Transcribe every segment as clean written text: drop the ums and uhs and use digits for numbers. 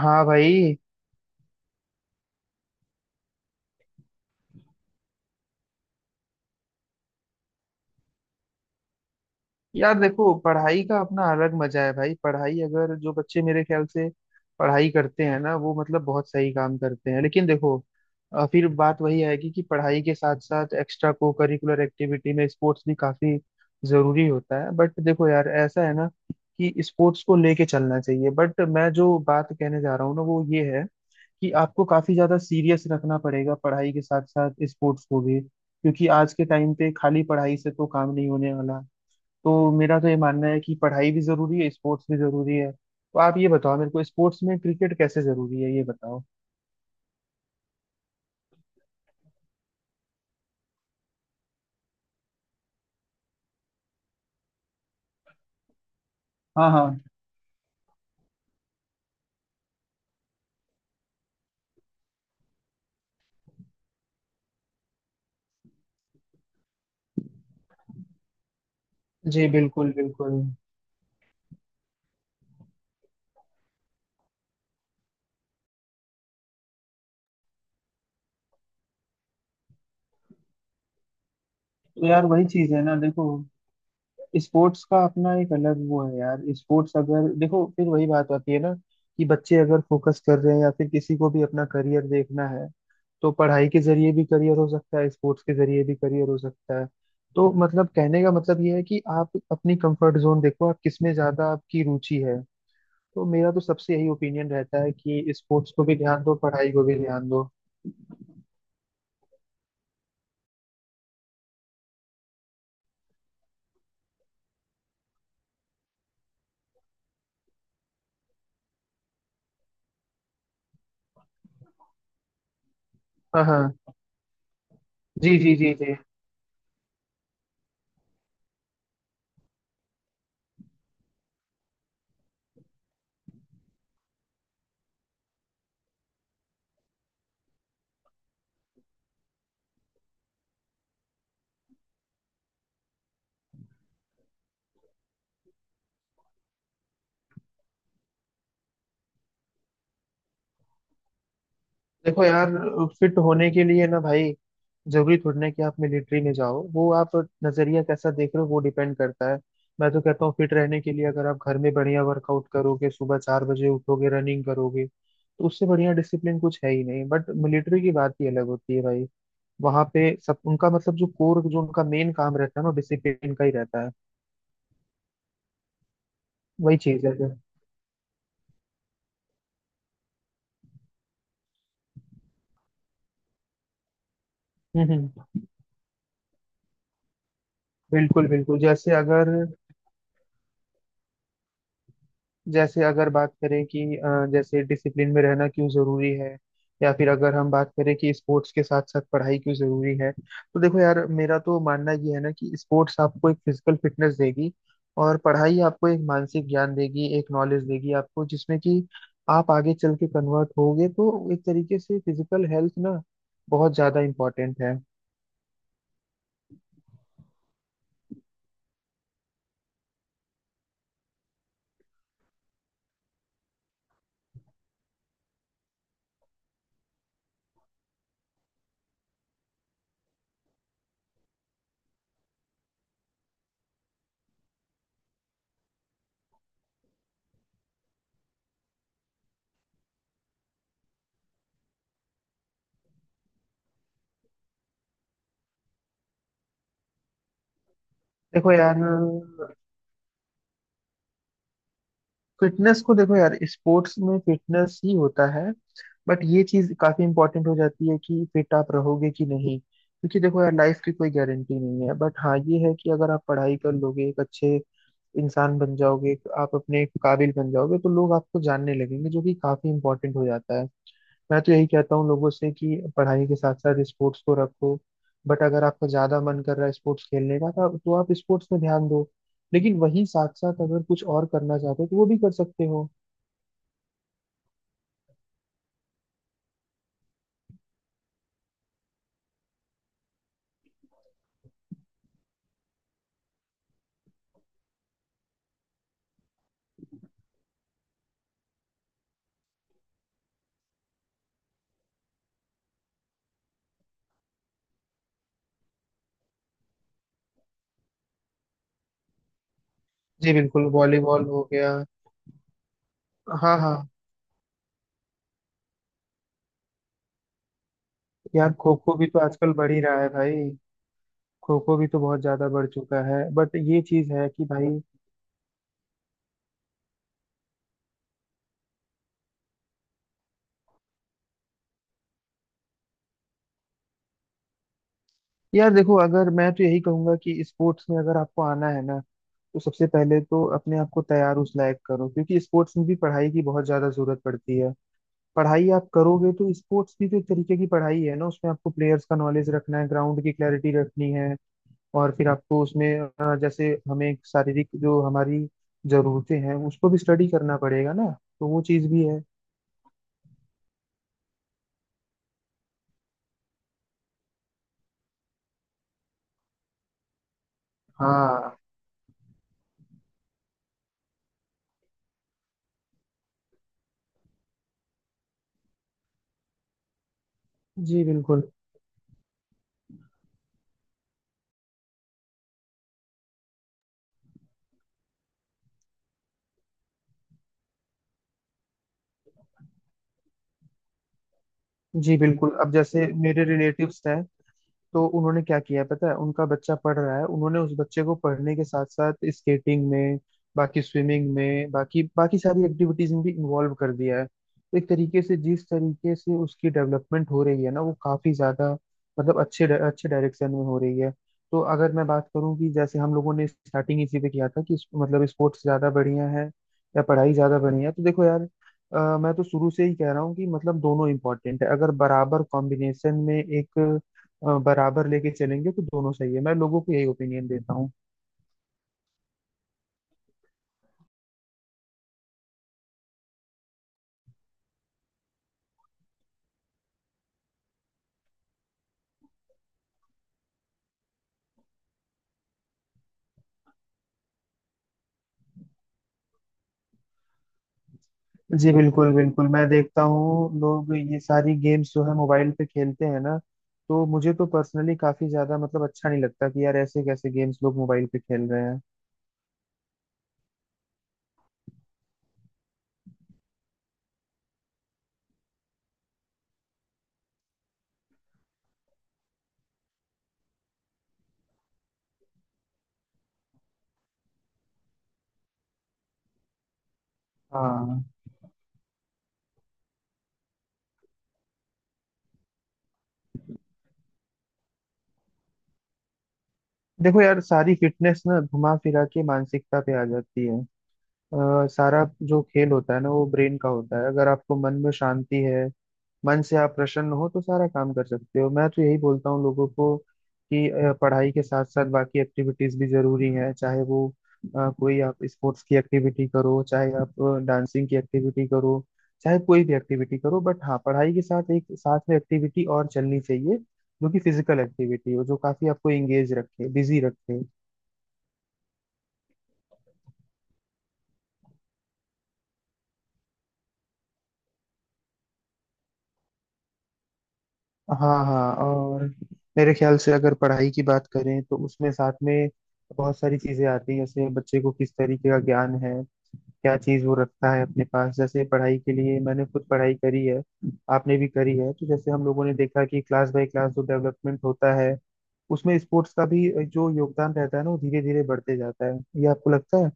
हाँ भाई। यार देखो पढ़ाई का अपना अलग मजा है भाई। पढ़ाई अगर जो बच्चे मेरे ख्याल से पढ़ाई करते हैं ना वो मतलब बहुत सही काम करते हैं। लेकिन देखो, फिर बात वही आएगी कि पढ़ाई के साथ साथ एक्स्ट्रा को करिकुलर एक्टिविटी में स्पोर्ट्स भी काफी जरूरी होता है। बट देखो यार, ऐसा है ना कि स्पोर्ट्स को लेके चलना चाहिए। बट मैं जो बात कहने जा रहा हूँ ना वो ये है कि आपको काफी ज्यादा सीरियस रखना पड़ेगा पढ़ाई के साथ साथ स्पोर्ट्स को भी, क्योंकि आज के टाइम पे खाली पढ़ाई से तो काम नहीं होने वाला। तो मेरा तो ये मानना है कि पढ़ाई भी जरूरी है, स्पोर्ट्स भी जरूरी है। तो आप ये बताओ मेरे को, स्पोर्ट्स में क्रिकेट कैसे जरूरी है, ये बताओ। हाँ हाँ। जी बिल्कुल बिल्कुल। तो यार वही चीज़ है ना, देखो, स्पोर्ट्स का अपना एक अलग वो है यार। स्पोर्ट्स अगर देखो फिर वही बात आती है ना कि बच्चे अगर फोकस कर रहे हैं या फिर किसी को भी अपना करियर देखना है, तो पढ़ाई के जरिए भी करियर हो सकता है, स्पोर्ट्स के जरिए भी करियर हो सकता है। तो मतलब कहने का मतलब ये है कि आप अपनी कंफर्ट जोन देखो, आप किसमें ज्यादा आपकी रुचि है। तो मेरा तो सबसे यही ओपिनियन रहता है कि स्पोर्ट्स को भी ध्यान दो, पढ़ाई को भी ध्यान दो। हाँ हाँ। जी जी जी जी। देखो यार, फिट होने के लिए ना भाई, जरूरी थोड़ी ना कि आप मिलिट्री में जाओ। वो आप नजरिया कैसा देख रहे हो वो डिपेंड करता है। मैं तो कहता हूँ फिट रहने के लिए अगर आप घर में बढ़िया वर्कआउट करोगे, सुबह चार बजे उठोगे, रनिंग करोगे, तो उससे बढ़िया डिसिप्लिन कुछ है ही नहीं। बट मिलिट्री की बात ही अलग होती है भाई। वहां पे सब उनका मतलब जो कोर जो उनका मेन काम रहता है ना डिसिप्लिन का ही रहता है। वही चीज है हम्म, बिल्कुल बिल्कुल। जैसे अगर बात करें कि जैसे डिसिप्लिन में रहना क्यों जरूरी है, या फिर अगर हम बात करें कि स्पोर्ट्स के साथ साथ पढ़ाई क्यों जरूरी है, तो देखो यार मेरा तो मानना ये है ना कि स्पोर्ट्स आपको एक फिजिकल फिटनेस देगी, और पढ़ाई आपको एक मानसिक ज्ञान देगी, एक नॉलेज देगी आपको, जिसमें कि आप आगे चल के कन्वर्ट होगे। तो एक तरीके से फिजिकल हेल्थ ना बहुत ज्यादा इम्पोर्टेंट है। देखो यार, फिटनेस को देखो यार, स्पोर्ट्स में फिटनेस ही होता है। बट ये चीज काफी इंपॉर्टेंट हो जाती है कि फिट आप रहोगे कि नहीं, क्योंकि देखो यार लाइफ की कोई गारंटी नहीं है। बट हाँ ये है कि अगर आप पढ़ाई कर लोगे, एक अच्छे इंसान बन जाओगे, एक आप अपने काबिल बन जाओगे, तो लोग आपको जानने लगेंगे, जो कि काफी इंपॉर्टेंट हो जाता है। मैं तो यही कहता हूँ लोगों से कि पढ़ाई के साथ साथ स्पोर्ट्स को रखो। बट अगर आपका ज्यादा मन कर रहा है स्पोर्ट्स खेलने का तो आप स्पोर्ट्स में ध्यान दो। लेकिन वहीं साथ साथ अगर कुछ और करना चाहते हो तो वो भी कर सकते हो। जी बिल्कुल, वॉलीबॉल हो गया। हाँ हाँ। यार खो खो भी तो आजकल बढ़ ही रहा है भाई। खो खो भी तो बहुत ज्यादा बढ़ चुका है। बट ये चीज है कि भाई, यार देखो, अगर मैं तो यही कहूंगा कि स्पोर्ट्स में अगर आपको आना है ना, तो सबसे पहले तो अपने आप को तैयार उस लायक करो, क्योंकि स्पोर्ट्स में भी पढ़ाई की बहुत ज्यादा जरूरत पड़ती है। पढ़ाई आप करोगे तो स्पोर्ट्स भी तो एक तरीके की पढ़ाई है ना, उसमें आपको प्लेयर्स का नॉलेज रखना है, ग्राउंड की क्लैरिटी रखनी है, और फिर आपको उसमें जैसे हमें शारीरिक जो हमारी जरूरतें हैं उसको भी स्टडी करना पड़ेगा ना, तो वो चीज़ भी है। हाँ। जी बिल्कुल। जी बिल्कुल, अब जैसे मेरे रिलेटिव्स हैं, तो उन्होंने क्या किया पता है, उनका बच्चा पढ़ रहा है, उन्होंने उस बच्चे को पढ़ने के साथ साथ स्केटिंग में, बाकी स्विमिंग में, बाकी बाकी सारी एक्टिविटीज में भी इन्वॉल्व कर दिया है, तो एक तरीके से जिस तरीके से उसकी डेवलपमेंट हो रही है ना, वो काफी ज्यादा मतलब अच्छे अच्छे डायरेक्शन में हो रही है। तो अगर मैं बात करूं कि जैसे हम लोगों ने स्टार्टिंग इसी पे किया था कि मतलब स्पोर्ट्स ज्यादा बढ़िया है या पढ़ाई ज्यादा बढ़िया है, तो देखो यार मैं तो शुरू से ही कह रहा हूँ कि मतलब दोनों इम्पोर्टेंट है। अगर बराबर कॉम्बिनेशन में एक बराबर लेके चलेंगे तो दोनों सही है। मैं लोगों को यही ओपिनियन देता हूँ। जी बिल्कुल बिल्कुल, मैं देखता हूँ लोग ये सारी गेम्स जो है मोबाइल पे खेलते हैं ना। तो मुझे तो पर्सनली काफी ज्यादा मतलब अच्छा नहीं लगता कि यार ऐसे कैसे गेम्स लोग मोबाइल पे खेल रहे हैं। हाँ। देखो यार, सारी फिटनेस ना घुमा फिरा के मानसिकता पे आ जाती है। सारा जो खेल होता है ना, वो ब्रेन का होता है। अगर आपको मन में शांति है, मन से आप प्रसन्न हो, तो सारा काम कर सकते हो। मैं तो यही बोलता हूँ लोगों को कि पढ़ाई के साथ साथ बाकी एक्टिविटीज भी जरूरी हैं, चाहे वो कोई आप स्पोर्ट्स की एक्टिविटी करो, चाहे आप डांसिंग की एक्टिविटी करो, चाहे कोई भी एक्टिविटी करो। बट हाँ, पढ़ाई के साथ एक साथ में एक्टिविटी और चलनी चाहिए जो कि फिजिकल एक्टिविटी हो, जो काफी आपको एंगेज रखे, बिजी रखे। हाँ हाँ। और मेरे ख्याल से अगर पढ़ाई की बात करें तो उसमें साथ में बहुत सारी चीजें आती हैं, जैसे बच्चे को किस तरीके का ज्ञान है, क्या चीज वो रखता है अपने पास। जैसे पढ़ाई के लिए मैंने खुद पढ़ाई करी है, आपने भी करी है, तो जैसे हम लोगों ने देखा कि क्लास बाय क्लास जो डेवलपमेंट होता है, उसमें स्पोर्ट्स का भी जो योगदान रहता है ना वो धीरे धीरे बढ़ते जाता है। ये आपको लगता है?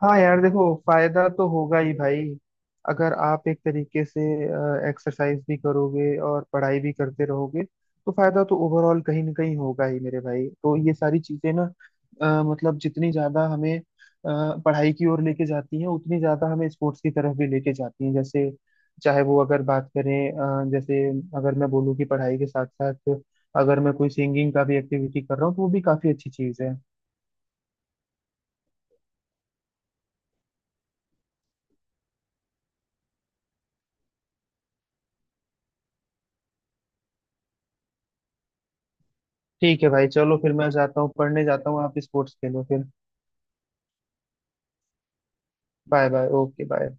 हाँ यार देखो, फायदा तो होगा ही भाई, अगर आप एक तरीके से एक्सरसाइज भी करोगे और पढ़ाई भी करते रहोगे तो फायदा तो ओवरऑल कहीं ना कहीं होगा ही मेरे भाई। तो ये सारी चीजें ना मतलब जितनी ज्यादा हमें पढ़ाई की ओर लेके जाती हैं उतनी ज्यादा हमें स्पोर्ट्स की तरफ भी लेके जाती हैं। जैसे चाहे वो अगर बात करें जैसे अगर मैं बोलूँ कि पढ़ाई के साथ साथ अगर मैं कोई सिंगिंग का भी एक्टिविटी कर रहा हूँ, तो वो भी काफी अच्छी चीज है। ठीक है भाई, चलो फिर मैं जाता हूँ, पढ़ने जाता हूँ, आप स्पोर्ट्स खेलो फिर। Bye bye, okay, bye.